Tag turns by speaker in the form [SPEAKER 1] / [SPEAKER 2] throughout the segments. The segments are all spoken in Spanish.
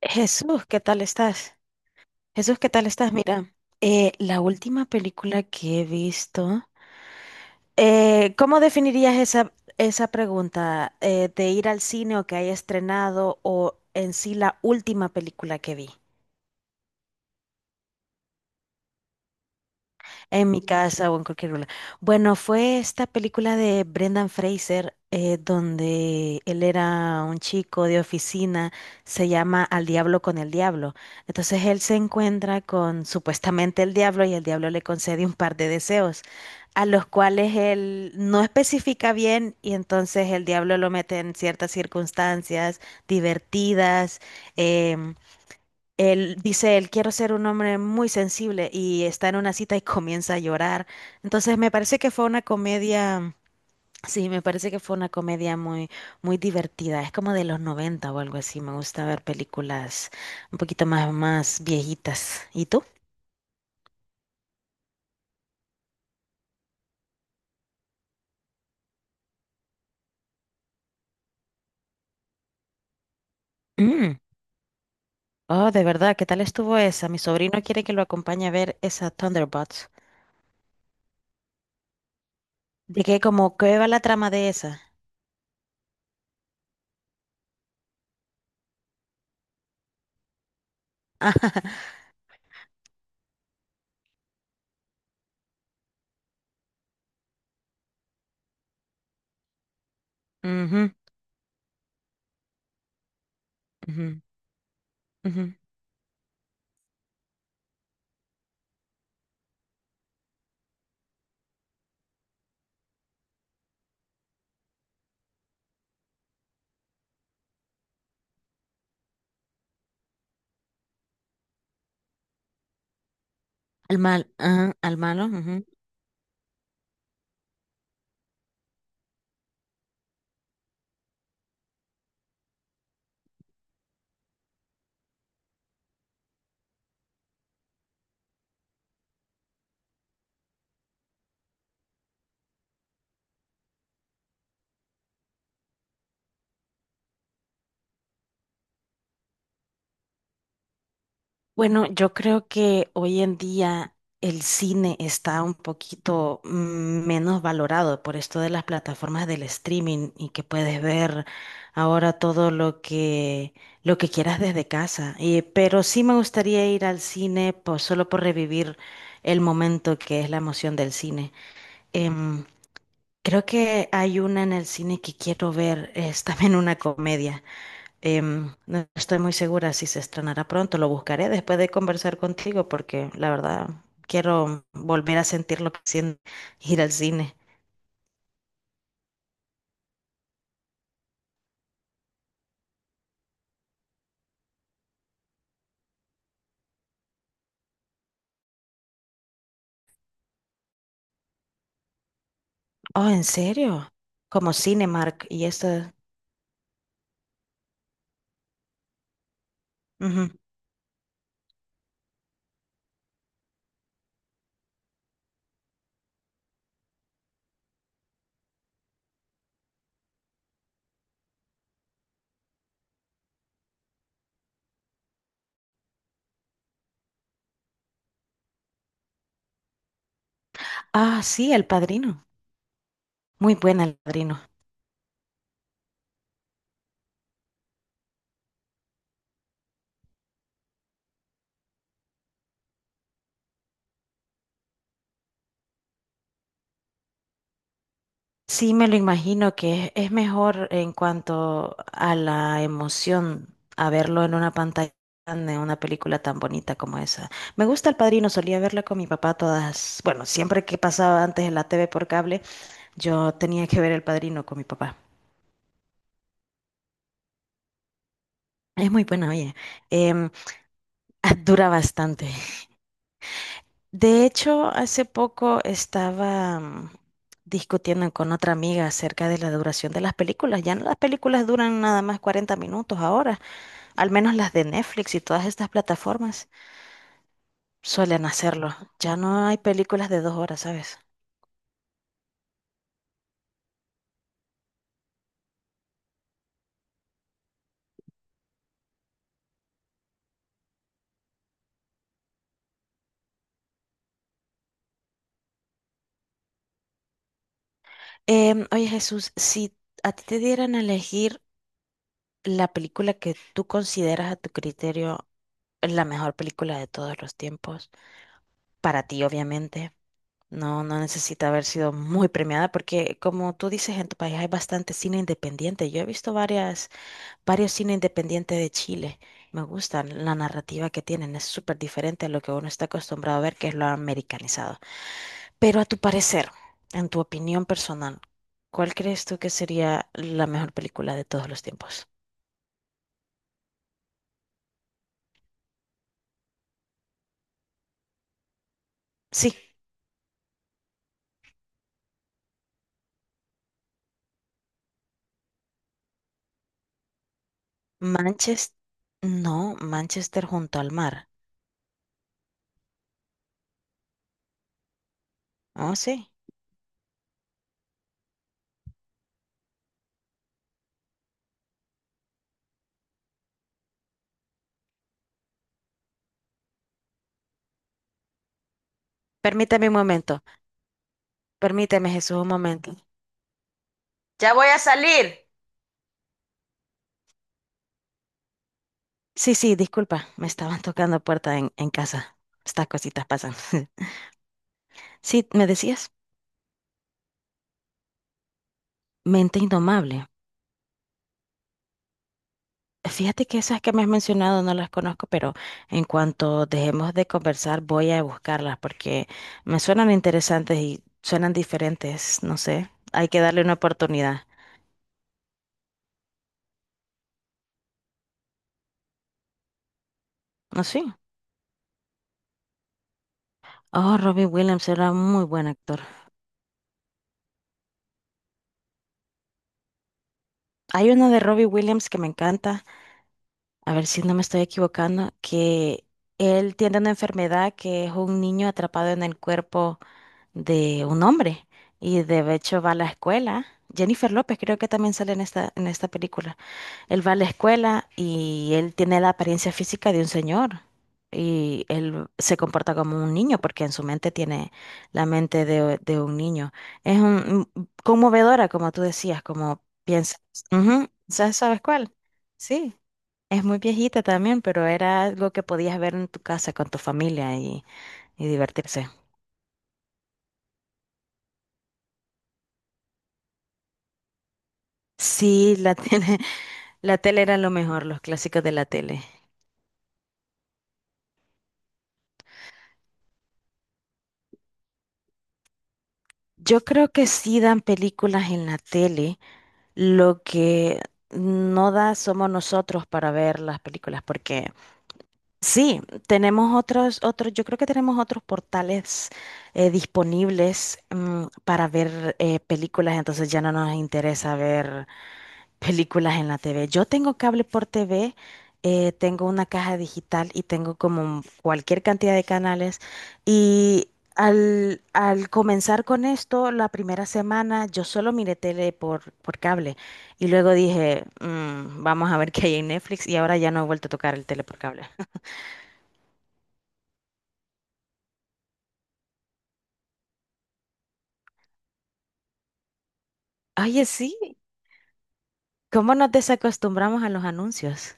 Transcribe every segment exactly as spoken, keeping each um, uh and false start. [SPEAKER 1] Jesús, ¿qué tal estás? Jesús, ¿qué tal estás? Mira, eh, la última película que he visto, eh, ¿cómo definirías esa, esa pregunta eh, de ir al cine o que haya estrenado o en sí la última película que vi? En mi casa o en cualquier lugar. Bueno, fue esta película de Brendan Fraser, eh, donde él era un chico de oficina, se llama Al diablo con el diablo. Entonces él se encuentra con supuestamente el diablo y el diablo le concede un par de deseos, a los cuales él no especifica bien y entonces el diablo lo mete en ciertas circunstancias divertidas. em, Él dice, él quiero ser un hombre muy sensible y está en una cita y comienza a llorar. Entonces me parece que fue una comedia, sí, me parece que fue una comedia muy, muy divertida. Es como de los noventa o algo así. Me gusta ver películas un poquito más, más viejitas. ¿Y tú? Mm. Oh, de verdad, ¿qué tal estuvo esa? Mi sobrino quiere que lo acompañe a ver esa Thunderbots. ¿De qué? Como, ¿qué va la trama de esa? Ujú, ujú, ujú. Al mal, ajá, al malo. Bueno, yo creo que hoy en día el cine está un poquito mm, menos valorado por esto de las plataformas del streaming y que puedes ver ahora todo lo que lo que quieras desde casa. Y- pero sí me gustaría ir al cine pues, solo por revivir el momento que es la emoción del cine. Em, Creo que hay una en el cine que quiero ver, es también una comedia. Em, no estoy muy segura si se estrenará pronto. Lo buscaré después de conversar contigo porque la verdad quiero volver a sentir lo que siento ir al cine. Oh, ¿en serio? Como Cinemark y esta. Ujú. Ah, sí, El Padrino. Muy buena El Padrino. Sí, me lo imagino que es mejor en cuanto a la emoción a verlo en una pantalla, en una película tan bonita como esa. Me gusta El Padrino, solía verla con mi papá todas, bueno, siempre que pasaba antes en la T V por cable, yo tenía que ver El Padrino con mi papá. Es muy buena, oye. Em, Dura bastante. De hecho, hace poco estaba mm, discutiendo con otra amiga acerca de la duración de las películas. Ya no las películas duran nada más cuarenta minutos ahora. Al menos las de Netflix y todas estas plataformas suelen hacerlo. Ya no hay películas de dos horas, ¿sabes? Em, oye, Jesús, si a ti te dieran a elegir la película que tú consideras a tu criterio la mejor película de todos los tiempos, para ti, obviamente. No, no necesita haber sido muy premiada porque, como tú dices, en tu país hay bastante cine independiente. Yo he visto varias varios cine independiente de Chile. Me gustan la narrativa que tienen, es súper diferente a lo que uno está acostumbrado a ver, que es lo americanizado. Pero a tu parecer, en tu opinión personal, ¿cuál crees tú que sería la mejor película de todos los tiempos? Sí, Manchester, no, Manchester junto al mar. Oh, sí. Permíteme un momento, permíteme Jesús un momento. Ya voy a salir. Sí, sí, disculpa, me estaban tocando puerta en, en casa. Estas cositas pasan. Sí, ¿me decías? Mente indomable. Fíjate que esas que me has mencionado no las conozco, pero en cuanto dejemos de conversar voy a buscarlas porque me suenan interesantes y suenan diferentes, no sé. Hay que darle una oportunidad. ¿No sí? Oh, Robbie Williams era un muy buen actor. Hay uno de Robbie Williams que me encanta, a ver si no me estoy equivocando, que él tiene una enfermedad que es un niño atrapado en el cuerpo de un hombre y de hecho va a la escuela. Jennifer López creo que también sale en esta, en esta película. Él va a la escuela y él tiene la apariencia física de un señor y él se comporta como un niño porque en su mente tiene la mente de, de un niño. Es un, un- conmovedora, como tú decías, como piensas. Ujú, ¿sa- ¿sabes cuál? Sí. Es muy viejita también, pero era algo que podías ver en tu casa con tu familia y, y divertirse. Sí, la tiene. La tele era lo mejor, los clásicos de la tele. Yo creo que sí dan películas en la tele, lo que no da somos nosotros para ver las películas, porque sí, tenemos otros, otros, yo creo que tenemos otros portales eh, disponibles mm, para ver eh, películas, entonces ya no nos interesa ver películas en la T V. Yo tengo cable por T V, eh, tengo una caja digital y tengo como cualquier cantidad de canales. Y al, al comenzar con esto, la primera semana yo solo miré tele por, por cable y luego dije, "Mm, vamos a ver qué hay en Netflix y ahora ya no he vuelto a tocar el tele por cable". Oye, sí, ¿cómo nos desacostumbramos a los anuncios?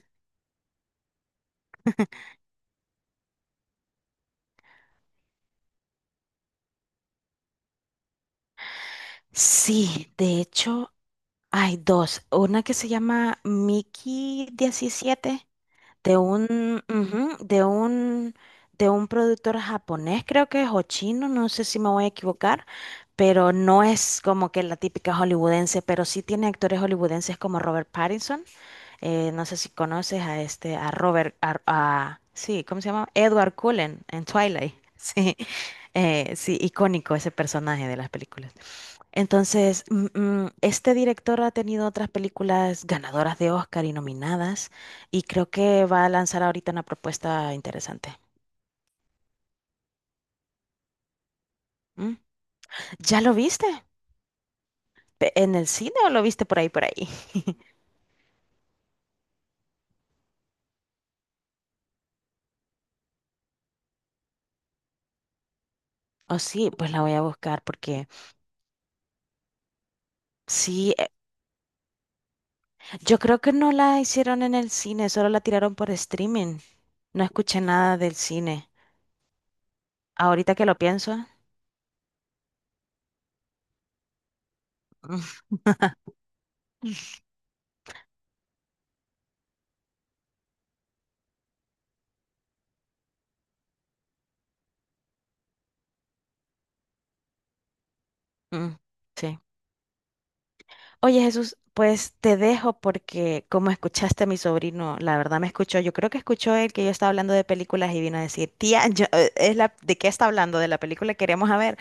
[SPEAKER 1] Sí, de hecho hay dos. Una que se llama Mickey diecisiete. de un, ujú, de un, de un productor japonés, creo que es, o chino, no sé si me voy a equivocar, pero no es como que la típica hollywoodense, pero sí tiene actores hollywoodenses como Robert Pattinson, eh, no sé si conoces a este, a Robert, a, a- sí, ¿cómo se llama? Edward Cullen en Twilight, sí, eh, sí, icónico ese personaje de las películas. Entonces, mm, mm, este director ha tenido otras películas ganadoras de Oscar y nominadas, y creo que va a lanzar ahorita una propuesta interesante. ¿Mm? ¿Ya lo viste? ¿Pe- En el cine o lo viste por ahí, por ahí? Oh, sí, pues la voy a buscar porque sí, eh, yo creo que no la hicieron en el cine, solo la tiraron por streaming. No escuché nada del cine. Ahorita que lo pienso, mm, mm, sí. Oye, Jesús, pues te dejo porque como escuchaste a mi sobrino, la verdad me escuchó, yo creo que escuchó el que yo estaba hablando de películas y vino a decir, tía, yo, eh, es la, ¿de qué está hablando? ¿De la película que queríamos a ver?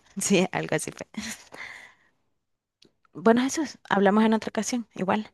[SPEAKER 1] Sí, algo así fue. Bueno, Jesús, hablamos en otra ocasión, igual.